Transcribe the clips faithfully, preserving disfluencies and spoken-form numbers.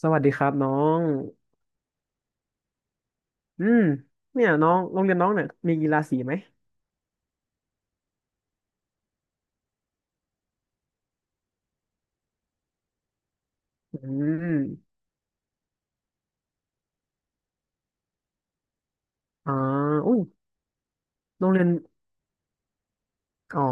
สวัสดีครับน้องอืมเนี่ยน้องโรงเรียนน้องเนี่ยมีกีฬาสีไหมอืมอ๋ออุ้ยโรงเรียนอ๋อ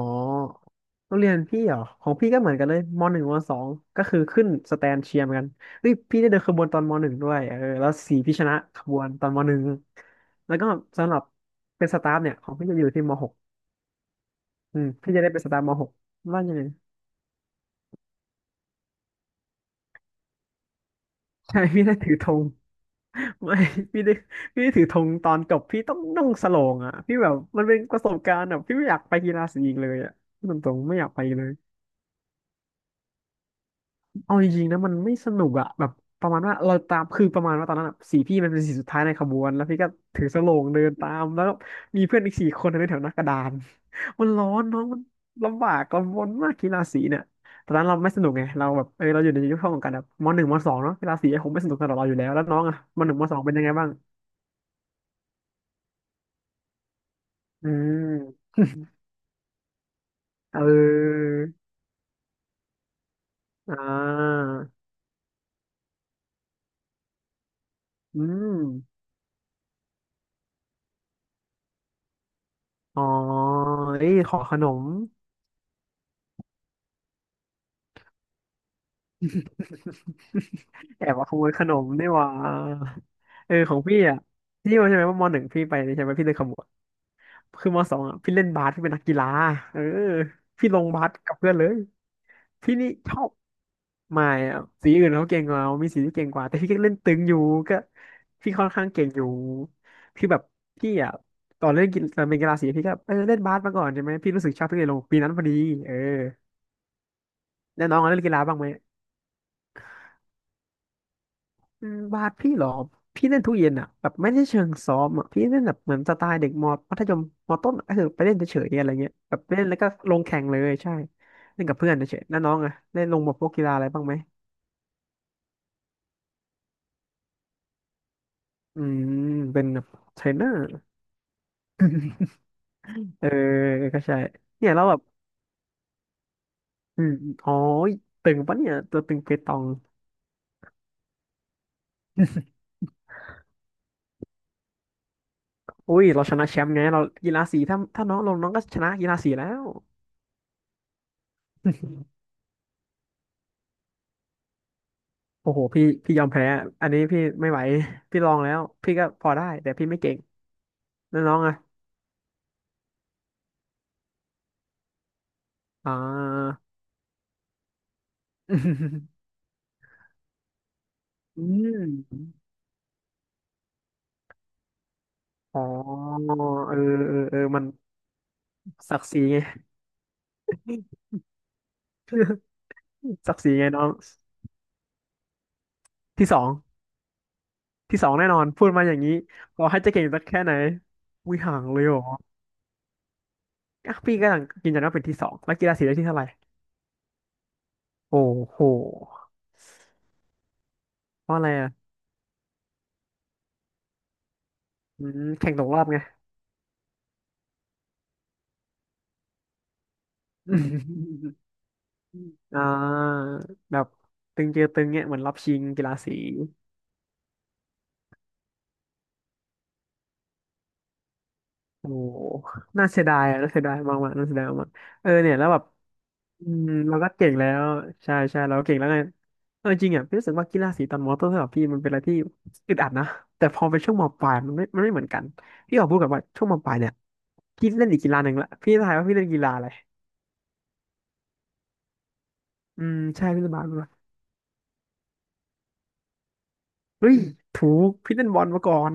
โรงเรียนพี่เหรอของพี่ก็เหมือนกันเลยมหนึ่งมสองก็คือขึ้นสแตนเชียร์เหมือนกันเฮ้ยพี่ได้เดินขบวนตอนมหนึ่งด้วยเออแล้วสีพี่ชนะขบวนตอนมหนึ่งแล้วก็สำหรับเป็นสตาฟเนี่ยของพี่จะอยู่ที่มหกอืมพี่จะได้เป็นสตาฟมหกว่ายังไงใช่พี่ได้ถือธง ไม่ พี่ได้พี่ได้ถือธงตอนจบพี่ต้องต้องสโลงอ่ะพี่แบบมันเป็นประสบการณ์อ่ะพี่ไม่อยากไปกีฬาสีอีกเลยอ่ะพูดตรงๆไม่อยากไปเลยเอาจริงๆนะมันไม่สนุกอ่ะแบบประมาณว่าเราตามคือประมาณว่าตอนนั้นอะสีพี่มันเป็นสีสุดท้ายในขบวนแล้วพี่ก็ถือสโลงเดินตามแล้วก็มีเพื่อนอีกสี่คนในแถวหน้ากระดาน มันร้อนเน้องมันลำบากกังวลำบนมากกีฬาสีเนี่ยตอนนั้นเราไม่สนุกไงเราแบบเออเราอยู่ในยุคช่วงของการแบบมหนึ่งมสองเนาะกีฬาสีคงไม่สนุกสำหรับเราอยู่แล้วแล้วน้องอ่ะมหนึ่งมสองเป็นยังไงบ้างอืม เอออ่าอืมอ๋อเอ้ยขอขนมแอบมาขโมยขนมนี่หว่าเออของพี่อ่ะพี่ว่าใช่ไหมว่ามหนึ่งพี่ไป่ใช่ไหมพี่เลยขโมยคือมสองอ่ะพี่เล่นบาสพี่เป็นนักกีฬาเออพี่ลงบาสกับเพื่อนเลย พี่นี่ชอบ ไม่อะสีอื่นเขาเก่งกว่าเรามีสีที่เก่งกว่าแต่พี่ก็เล่นตึงอยู่ก็พี่ค่อนข้างเก่งอยู่พี่แบบพี่อ่ะตอนเล่นกีตอนเป็นกีฬาสีพี่ก็เออเล่นบาสมาก่อนใช่ไหมพี่รู้สึกชอบทุกเย็นลงปีนั้นพอดีเออแล้วน้องอะเล่นกีฬาบ้างไหมอืมบาสพี่เหรอพี่เล่นทุกเย็นอ่ะแบบไม่ได้เชิงซ้อมอ่ะพี่เล่นแบบเหมือนสไตล์เด็กมอมัธยมมอต้นก็คือไปเล่นเฉยๆอะไรเงี้ยแบบเล่นแล้วก็ลงแข่งเลยใช่เล่นกับเพื่อนเฉยๆแล้วน้องอ่ะเล่นลงแบบพวกกีฬาอะไรบ้างไหมอืมเป็นแบบเทรนเนอร์ เออก็ใช่เนี่ยเราแบบอืมอ๋อตึงปะเนี่ยตัวตึงเปตองอุ้ยเราชนะแชมป์ไงเรากีฬาสีถ้าถ้าน้องลงน้องก็ชนะกีฬาสีแล้วโอ้โหพี่พี่ยอมแพ้อันนี้พี่ไม่ไหว พี่ลองแล้วพี่ก็พอได้แต่พี่ไม่เก่งแล้วน้องอะอ่า อืมอ๋อเออเออเออมันศักดิ์ศรีไง ศักดิ์ศรีไงน้องที่สองที่สองแน่นอนพูดมาอย่างนี้ขอให้จะเก่งสักแค่ไหนอุ้ยห่างเลยเหรอ อ่ะพี่ก็ยังยืนยันว่าเป็นที่สองแล้วกีฬาสีได้ที่เท่าไหร่โอ้โหเพราะอะไรอ่ะอืมแข่งตกรอบไง อ่าแบบตึงเจอตึงเนี่ยเหมือนรอบชิงกีฬาสีโอ้โหน่าเสียดายอะน่าเสียดายมากๆน่าเสียดายมากๆเออเนี่ยแล้วแบบอืมเราก็เก่งแล้วใช่ใช่เราก็เก่งแล้วไงเออจริงอ่ะพี่รู้สึกว่ากีฬาสีตอนมอต้นสำหรับพี่มันเป็นอะไรที่อึดอัดนะแต่พอเป็นช่วงมปลายมันไม่มันไม่เหมือนกันพี่ขอพูดกับว่าช่วงมปลายเนี่ยพี่เล่นอีกกีฬาหนึ่งละพี่ทายว่าพี่เล่นกีฬาอะไร อืมใช่พี่เลบาลว่ะเฮ้ยถูกพี่เล่นบอลมาก่อน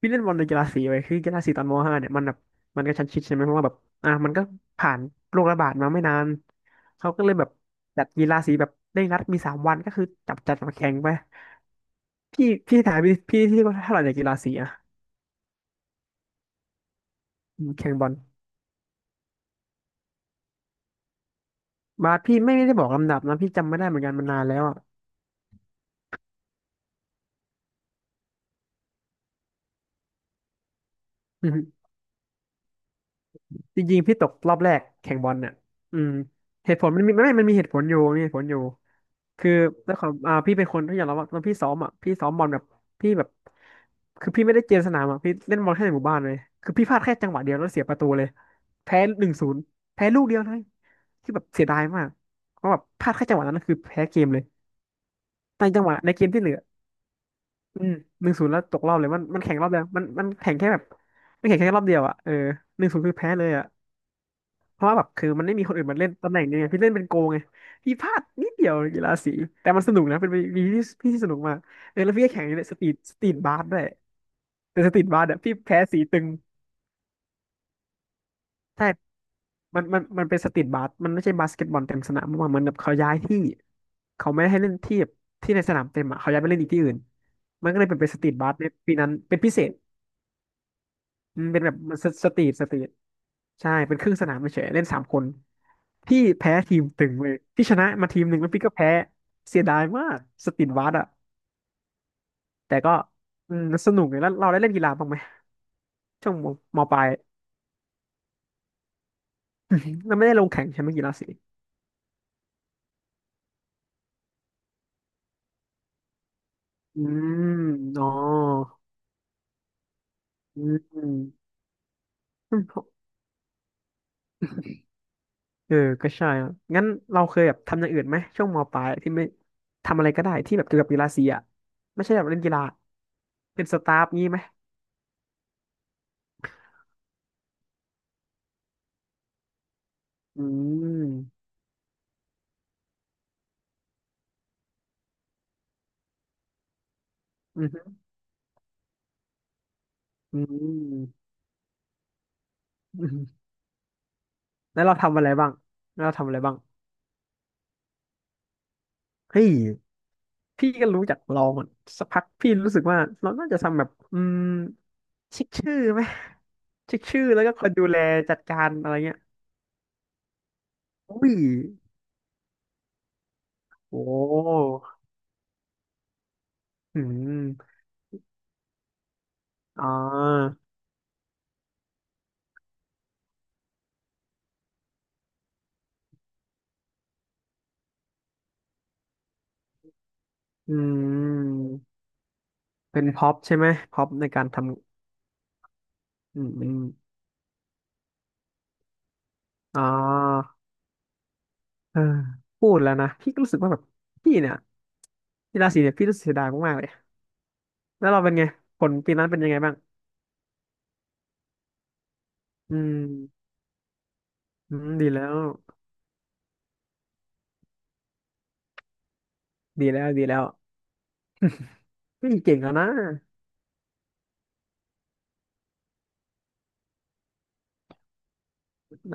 พี่เล่นบอลในกีฬาสีไว้คือกีฬาสีตอนมห้าเนี่ยมันแบบมันก็ชั้นชิดใช่ไหมเพราะว่าแบบอ่ะมันก็ผ่านโรคระบาดมาไม่นานเขาก็เลยแบบจัดกีฬาสีแบบเร่งรัดมีสามวันก็คือจับจัดมาแข่งไปพี่พี่ถามพี่พี่ที่ว่าเท่าไหร่ในกีฬาสีอ่ะอืมแข่งบอลบาสพี่ไม่ไม่ได้บอกลำดับนะพี่จำไม่ได้เหมือนกันมันนานแล้วอ่ะอืมจริงๆพี่ตกรอบแรกแข่งบอลเนี่ยอืมเหตุผลมันมีไม่ไม่มันมีเหตุผลอยู่มีเหตุผลอยู่ คือด้วยความอ่าพี่เป็นคนที่อยากรับว่าตอนพี่ซ้อมอ่ะพี่ซ้อมบอลแบบพี่แบบคือพี่ไม่ได้เจนสนามอ่ะพี่เล่นบอลแค่ในหมู่บ้านเลยคือพี่พลาดแค่จังหวะเดียวแล้วเสียประตูเลยแพ้หนึ่งศูนย์แพ้ลูกเดียวเลยคือแบบเสียดายมากเพราะแบบพลาดแค่จังหวะนั้นนะคือแพ้เกมเลยในจังหวะในเกมที่เหลืออืมหนึ่งศูนย์แล้วตกรอบเลยมันมันแข่งรอบเดียวมันมันแข่งแค่แบบมันแข่งแค่รอบเดียวอ่ะเออหนึ่งศูนย์คือแพ้เลยอ่ะ เพราะว่าแบบคือมันไม่มีคนอื่นมาเล่นตำแหน่งนี้ไงพี่เล่นเป็นโกงไงพี่พลาดนิดเดียวกีฬาสีแต่มันสนุกนะเป็นวีที่พี่ที่สนุกมากเออแล้วพี่ก็แข่งอยู่ในสตรีทสตรีทบาสด้วยแต่สตรีทบาสอ่ะพี่แพ้สีตึงใช่มันมันมันเป็นสตรีทบาสมันไม่ใช่บาสเกตบอลเต็มสนามมันเหมือนแบบเขาย้ายที่เขาไม่ให้เล่นที่ที่ในสนามเต็มอ่ะเขาย้ายไปเล่นอีกที่อื่นมันก็เลยเป็นเป็นสตรีทบาสในปีนั้นเป็นพิเศษ อืมเป็นแบบสสตรีทสตรีทใช่เป็นครึ่งสนามเฉยๆเล่นสามคนพี่แพ้ทีมตึงเลยพี่ชนะมาทีมหนึ่งแล้วพี่ก็แพ้เสียดายมากสตรีทวาดอะแต่ก็อืมสนุกเลยแล้วเราได้เล่นกีฬาบ้างไหมช่วงมมปลาย เราไม่ได้ลงแข่งใช่ไหมกีฬาสีอืมอ๋ออืมอืมเออก็ใช่อะงั้นเราเคยแบบทำอย่างอื่นไหมช่วงมปลายที่ไม่ทำอะไรก็ได้ที่แบบเกี่ยวกับกีฬาสีอะไม่ใช่แบบเล่นกีฬาเป็นสตาฟงี้ไหมอืมอืม อืม แล้วเราทำอะไรบ้างแล้วเราทำอะไรบ้างเฮ้ยพี่ก็รู้จักลรงสักพักพี่รู้สึกว่าเราน่าจะทำแบบอืมเช็คชื่อไหมเช็คชื่อแล้วก็คอยดูแลจัดการอะไรเงี้ยอุ้ยโอ้อืมอ่าอืมเป็นพ็อปใช่ไหมพ็อปในการทำอืมอืมอ่าเออพูดแล้วนะพี่ก็รู้สึกว่าแบบพี่เนี่ยกีฬาสีเนี่ยพี่รู้สึกเสียดายมากๆเลยแล้วเราเป็นไงผลปีนั้นเป็นยังไงบ้างอืม อืมดีแล้วดีแล้วดีแล้วเฮ้ยเก่งแล้วนะ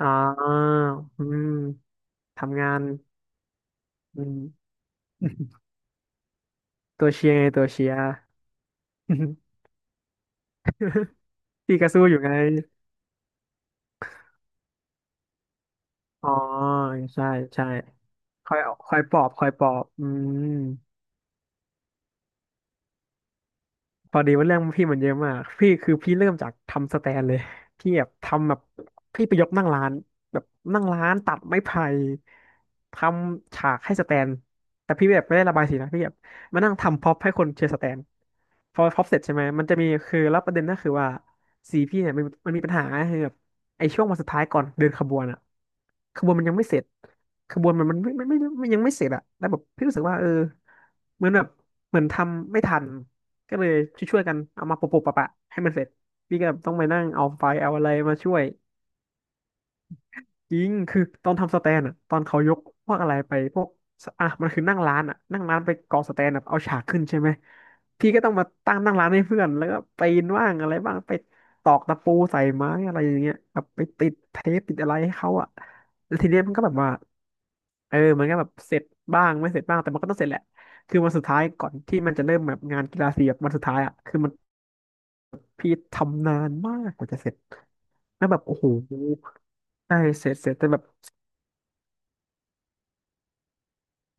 อ่าอืมทำงานอืม ตัวเชียร์ไงตัวเชียร์ พี่ก็สู้อยู่ไงอ๋อใช่ใช่คอยคอยปลอบคอยปลอบอืม พอดีว่าเรื่องพี่มันเยอะมากพี่คือพี่เริ่มจากทำสแตนเลยพี่แบบทำแบบพี่ไปยกนั่งร้านแบบนั่งร้านตัดไม้ไผ่ทำฉากให้สแตนแต่พี่แบบไม่ได้ระบายสีนะพี่แบบมานั่งทำพ็อปให้คนเชียร์สแตนพอพ็อปเสร็จใช่ไหมมันจะมีคือแล้วประเด็นก็คือว่าสีพี่เนี่ยมันมันมีปัญหาคือแบบไอ้ช่วงวันสุดท้ายก่อนเดินขบวนอะขบวนมันยังไม่เสร็จขบวนมันมันไม่ไม่ไม่ไม่ยังไม่เสร็จอะแล้วแบบพี่รู้สึกว่าเออเหมือนแบบเหมือนทำไม่ทัน ก็เลยช่วยๆกันเอามาปะปะปะๆให้มันเสร็จพี่ก็แบบต้องไปนั่งเอาไฟล์เอาอะไรมาช่วยจริงคือตอนทำสแตนอะตอนเขายกพวกอะไรไปพวกอ่ะมันคือนั่งร้านอะนั่งร้านไปก่อสแตนแบบเอาฉากขึ้นใช่ไหมพี่ก็ต้องมาตั้งนั่งร้านให้เพื่อนแล้วก็ปีนว่างอะไรบ้างไปตอกตะปูใส่ไม้อะไรอย่างเงี้ยแบบไปติดเทปติดอะไรให้เขาอะแล้วทีเนี้ยมันก็แบบว่าเออมันก็แบบเสร็จบ้างไม่เสร็จบ้างแต่มันก็ต้องเสร็จแหละคือวันสุดท้ายก่อนที่มันจะเริ่มแบบงานกีฬาสีแบบวันสุดท้ายอ่ะคือมัน พี่ทำนานมากกว่าจะเสร็จแล้วแบบโอ้โหใช่เสร็จเสร็จแต่แบบ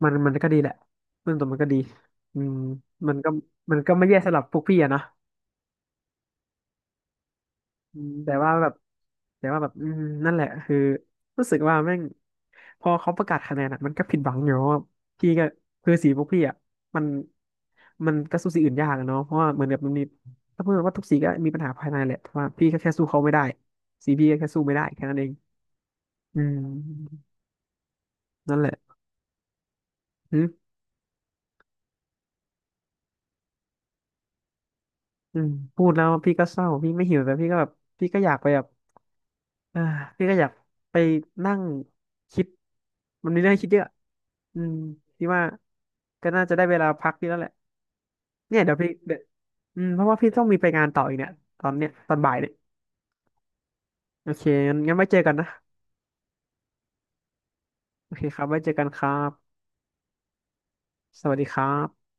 มันมันก็ดีแหละเรื่องตัวมันก็ดีอืมมันก็มันก็ไม่แย่สำหรับพวกพี่อะนะอืมแต่ว่าแบบแต่ว่าแบบอืมนั่นแหละคือรู้สึกว่าแม่งพอเขาประกาศคะแนนอะมันก็ผิดหวังอยู่เพราะว่าพี่ก็คือสีพวกพี่อะมันมันก็สู้สีอื่นยากอะเนาะเพราะว่าเหมือนแบบมันมีถ้าพูดว่าทุกสีก็มีปัญหาภายในแหละแต่ว่าพี่ก็แค่สู้เขาไม่ได้สีพี่ก็แค่สู้ไม่ได้แค่นั้นเองอืมนั่นแหละ อืมพูดแล้วพี่ก็เศร้าพี่ไม่หิวแต่พี่ก็แบบพี่ก็อยากไปแบบอ่าพี่ก็อยากไปนั่งคิดมันมีเรื่องให้คิดเยอะอืมพี่ว่าก็น่าจะได้เวลาพักพี่แล้วแหละเนี่ยเดี๋ยวพี่เดี๋ยวอืมเพราะว่าพี่ต้องมีไปงานต่ออีกเนี่ยตอนเนี้ยตอนบ่ายเนี่ยโอเคงั้นงั้นไว้เจอกันนะโอเคครับไว้เจอกันครับสวัสดีครับ